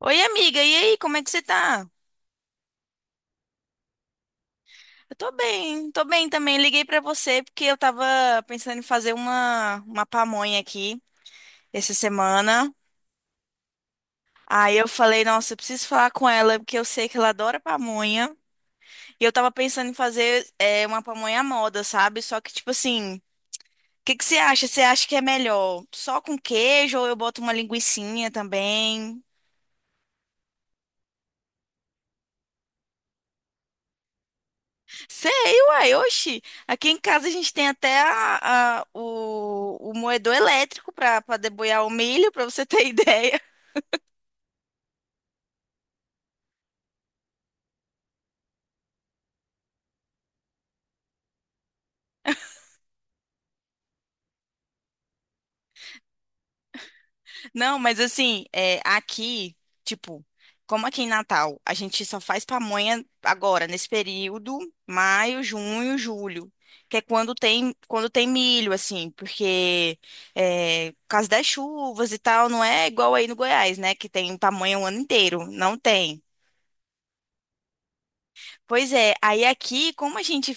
Oi, amiga, e aí, como é que você tá? Eu tô bem também. Liguei pra você porque eu tava pensando em fazer uma pamonha aqui essa semana. Aí eu falei, nossa, eu preciso falar com ela porque eu sei que ela adora pamonha. E eu tava pensando em fazer uma pamonha à moda, sabe? Só que, tipo assim, o que que você acha? Você acha que é melhor só com queijo ou eu boto uma linguicinha também? Sei, uai, oxi. Aqui em casa a gente tem até o moedor elétrico para deboiar o milho, para você ter ideia. Não, mas assim, aqui, tipo, como aqui em Natal, a gente só faz pamonha agora, nesse período, maio, junho, julho. Que é quando tem, milho, assim, porque por causa das chuvas e tal, não é igual aí no Goiás, né? Que tem pamonha o ano inteiro. Não tem. Pois é, aí aqui, como a gente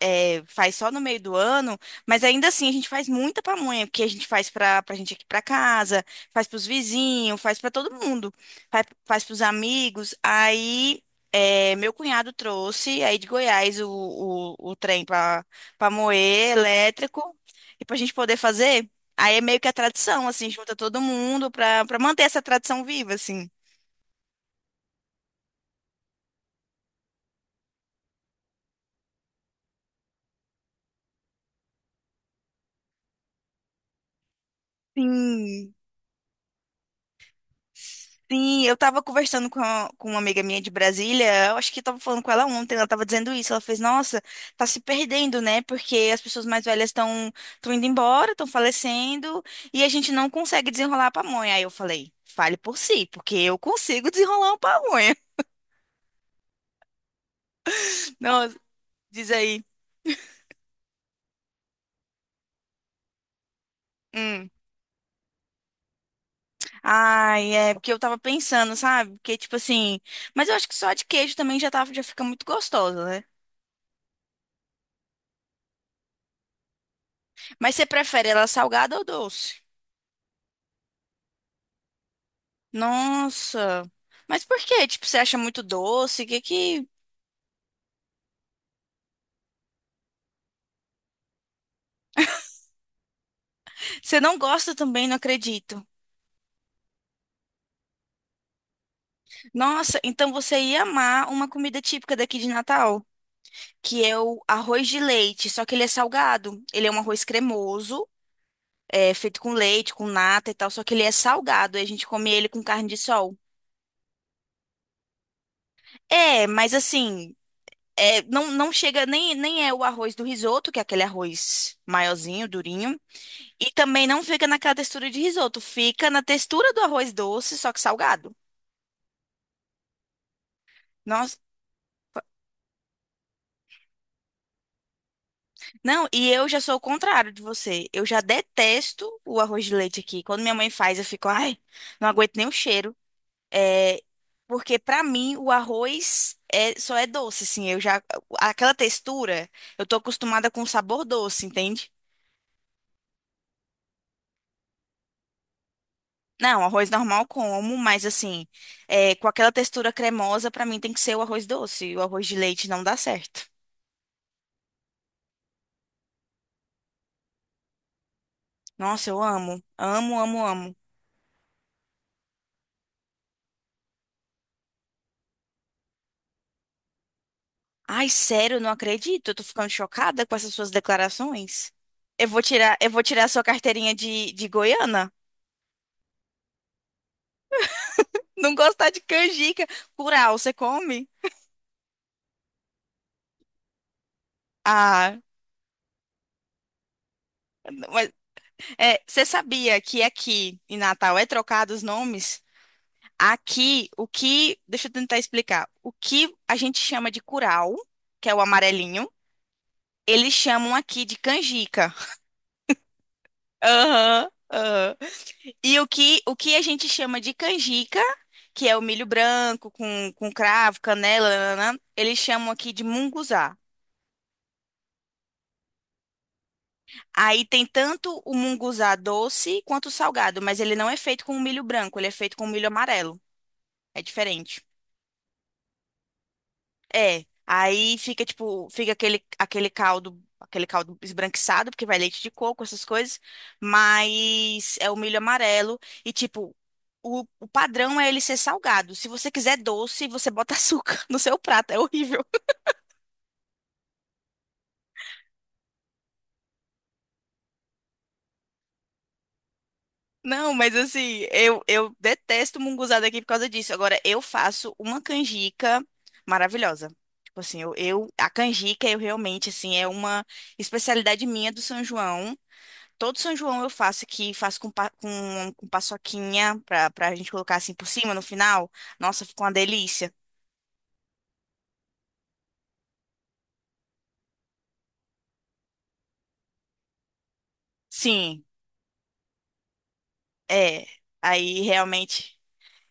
faz só no meio do ano, mas ainda assim a gente faz muita pamonha, porque a gente faz pra, gente aqui pra casa, faz pros vizinhos, faz pra todo mundo, faz pros amigos. Aí meu cunhado trouxe aí de Goiás o trem pra, moer elétrico e pra gente poder fazer. Aí é meio que a tradição, assim, junta todo mundo pra manter essa tradição viva, assim. Sim. Sim, eu tava conversando com uma amiga minha de Brasília, eu acho que eu tava falando com ela ontem, ela tava dizendo isso, ela fez, nossa, tá se perdendo, né? Porque as pessoas mais velhas estão indo embora, estão falecendo, e a gente não consegue desenrolar a pamonha. Aí eu falei, fale por si, porque eu consigo desenrolar uma pamonha. Nossa, diz aí. Hum. Ai, é porque eu tava pensando, sabe? Porque, tipo assim, mas eu acho que só a de queijo também já, tá, já fica muito gostosa, né? Mas você prefere ela salgada ou doce? Nossa. Mas por quê? Tipo, você acha muito doce? Que você não gosta também, não acredito. Nossa, então você ia amar uma comida típica daqui de Natal, que é o arroz de leite, só que ele é salgado. Ele é um arroz cremoso, é feito com leite, com nata e tal, só que ele é salgado e a gente come ele com carne de sol. É, mas assim, não, não chega nem é o arroz do risoto, que é aquele arroz maiorzinho, durinho. E também não fica naquela textura de risoto, fica na textura do arroz doce, só que salgado. Nossa, não, e eu já sou o contrário de você. Eu já detesto o arroz de leite aqui. Quando minha mãe faz, eu fico, ai, não aguento nem o cheiro. É, porque pra mim o arroz só é doce, assim. Eu já aquela textura, eu tô acostumada com o sabor doce, entende? Não, arroz normal eu como, mas assim, com aquela textura cremosa, pra mim tem que ser o arroz doce. E o arroz de leite não dá certo. Nossa, eu amo. Amo, amo, amo. Ai, sério, eu não acredito. Eu tô ficando chocada com essas suas declarações. Eu vou tirar a sua carteirinha de Goiana. Não gostar de canjica. Curau, você come? Ah, mas você sabia que aqui em Natal é trocado os nomes? Aqui, o que. deixa eu tentar explicar. O que a gente chama de curau, que é o amarelinho, eles chamam aqui de canjica. Aham, aham. E o que a gente chama de canjica, que é o milho branco com cravo, canela, nananã, eles chamam aqui de munguzá. Aí tem tanto o munguzá doce quanto o salgado, mas ele não é feito com o milho branco, ele é feito com o milho amarelo. É diferente. É, aí fica tipo, fica aquele caldo, aquele caldo esbranquiçado, porque vai leite de coco, essas coisas, mas é o milho amarelo e tipo, o padrão é ele ser salgado. Se você quiser doce, você bota açúcar no seu prato, é horrível. Não, mas assim, eu detesto munguzá daqui por causa disso. Agora, eu faço uma canjica maravilhosa. Tipo assim, a canjica, eu realmente, assim, é uma especialidade minha do São João. Todo São João eu faço aqui, faço com paçoquinha pra gente colocar assim por cima no final. Nossa, ficou uma delícia. Sim, é. Aí realmente.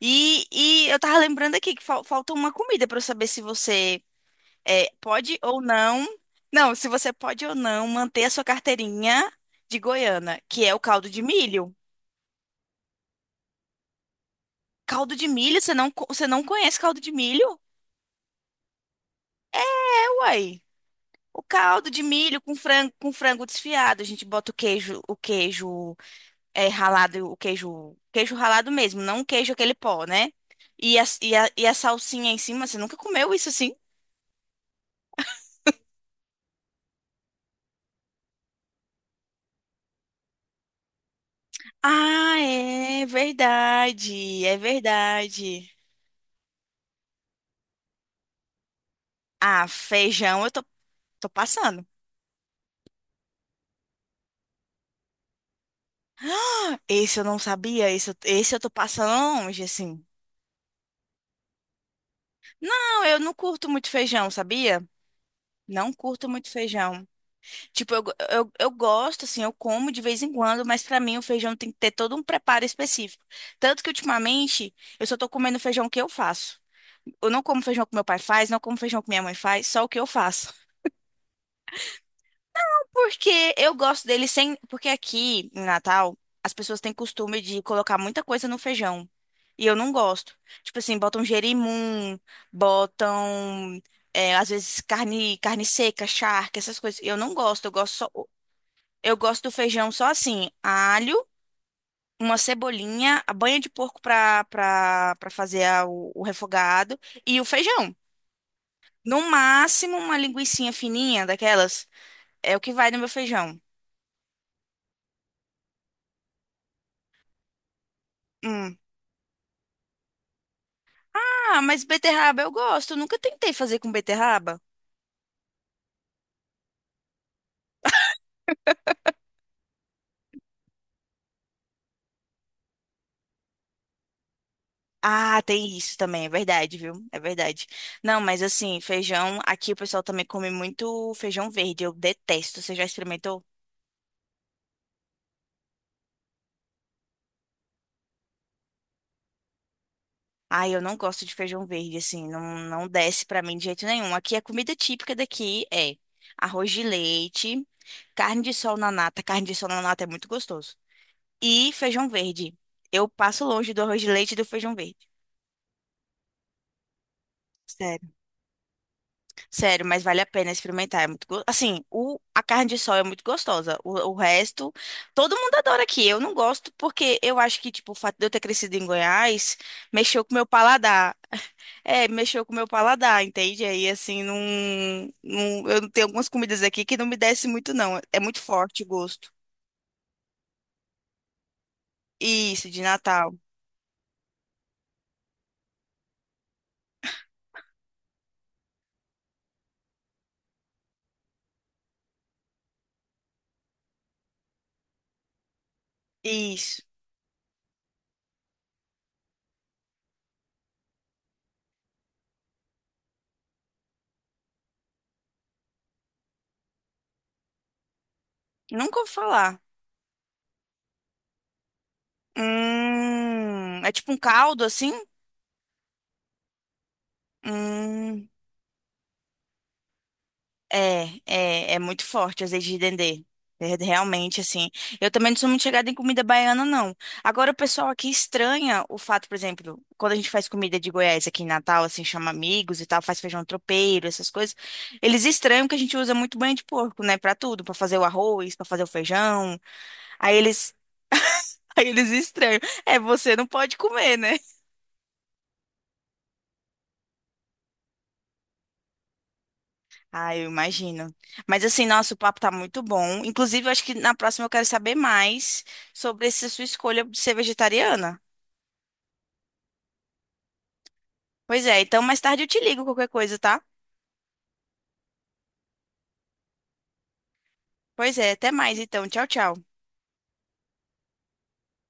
E eu tava lembrando aqui que falta uma comida pra eu saber se você pode ou não. Não, se você pode ou não manter a sua carteirinha de Goiânia, que é o caldo de milho. Caldo de milho? Você não conhece caldo de milho? É, uai. O caldo de milho com frango desfiado. A gente bota o queijo ralado, o queijo, queijo ralado mesmo, não o queijo aquele pó, né? E a salsinha em cima, você nunca comeu isso assim? Ah, é verdade, é verdade. Ah, feijão eu tô passando. Esse eu não sabia, esse eu tô passando longe, assim. Não, eu não curto muito feijão, sabia? Não curto muito feijão. Tipo, eu gosto, assim, eu como de vez em quando, mas pra mim o feijão tem que ter todo um preparo específico. Tanto que ultimamente eu só tô comendo feijão que eu faço. Eu não como feijão que meu pai faz, não como feijão que minha mãe faz, só o que eu faço. Porque eu gosto dele sem. Porque aqui, em Natal, as pessoas têm costume de colocar muita coisa no feijão. E eu não gosto. Tipo assim, botam jerimum, botam, às vezes carne, carne seca, charque, essas coisas. Eu não gosto, eu gosto só. Eu gosto do feijão só assim, alho, uma cebolinha, a banha de porco pra, pra fazer o refogado e o feijão. No máximo, uma linguicinha fininha daquelas. É o que vai no meu feijão. Hum. Ah, mas beterraba eu gosto. Eu nunca tentei fazer com beterraba. Ah, tem isso também, é verdade, viu? É verdade. Não, mas assim, feijão, aqui o pessoal também come muito feijão verde. Eu detesto. Você já experimentou? Ai, eu não gosto de feijão verde, assim, não, não desce pra mim de jeito nenhum. Aqui a comida típica daqui é arroz de leite, carne de sol na nata. Carne de sol na nata é muito gostoso. E feijão verde. Eu passo longe do arroz de leite e do feijão verde. Sério. Sério, mas vale a pena experimentar. Assim, a carne de sol é muito gostosa. O resto, todo mundo adora aqui. Eu não gosto porque eu acho que, tipo, o fato de eu ter crescido em Goiás mexeu com o meu paladar. É, mexeu com o meu paladar, entende? Aí, assim, não, não. Eu tenho algumas comidas aqui que não me desce muito, não. É muito forte o gosto. Isso, de Natal. Isso. Nunca ouvi falar. É tipo um caldo, assim? Hum. É muito forte o azeite de dendê. É realmente, assim. Eu também não sou muito chegada em comida baiana, não. Agora, o pessoal aqui estranha o fato, por exemplo, quando a gente faz comida de Goiás aqui em Natal, assim, chama amigos e tal, faz feijão tropeiro, essas coisas. Eles estranham que a gente usa muito banha de porco, né, pra tudo, pra fazer o arroz, pra fazer o feijão. Aí eles, aí eles estranham. É, você não pode comer, né? Ah, eu imagino. Mas assim, nosso papo tá muito bom. Inclusive, eu acho que na próxima eu quero saber mais sobre essa sua escolha de ser vegetariana. Pois é, então mais tarde eu te ligo qualquer coisa, tá? Pois é, até mais então. Tchau, tchau.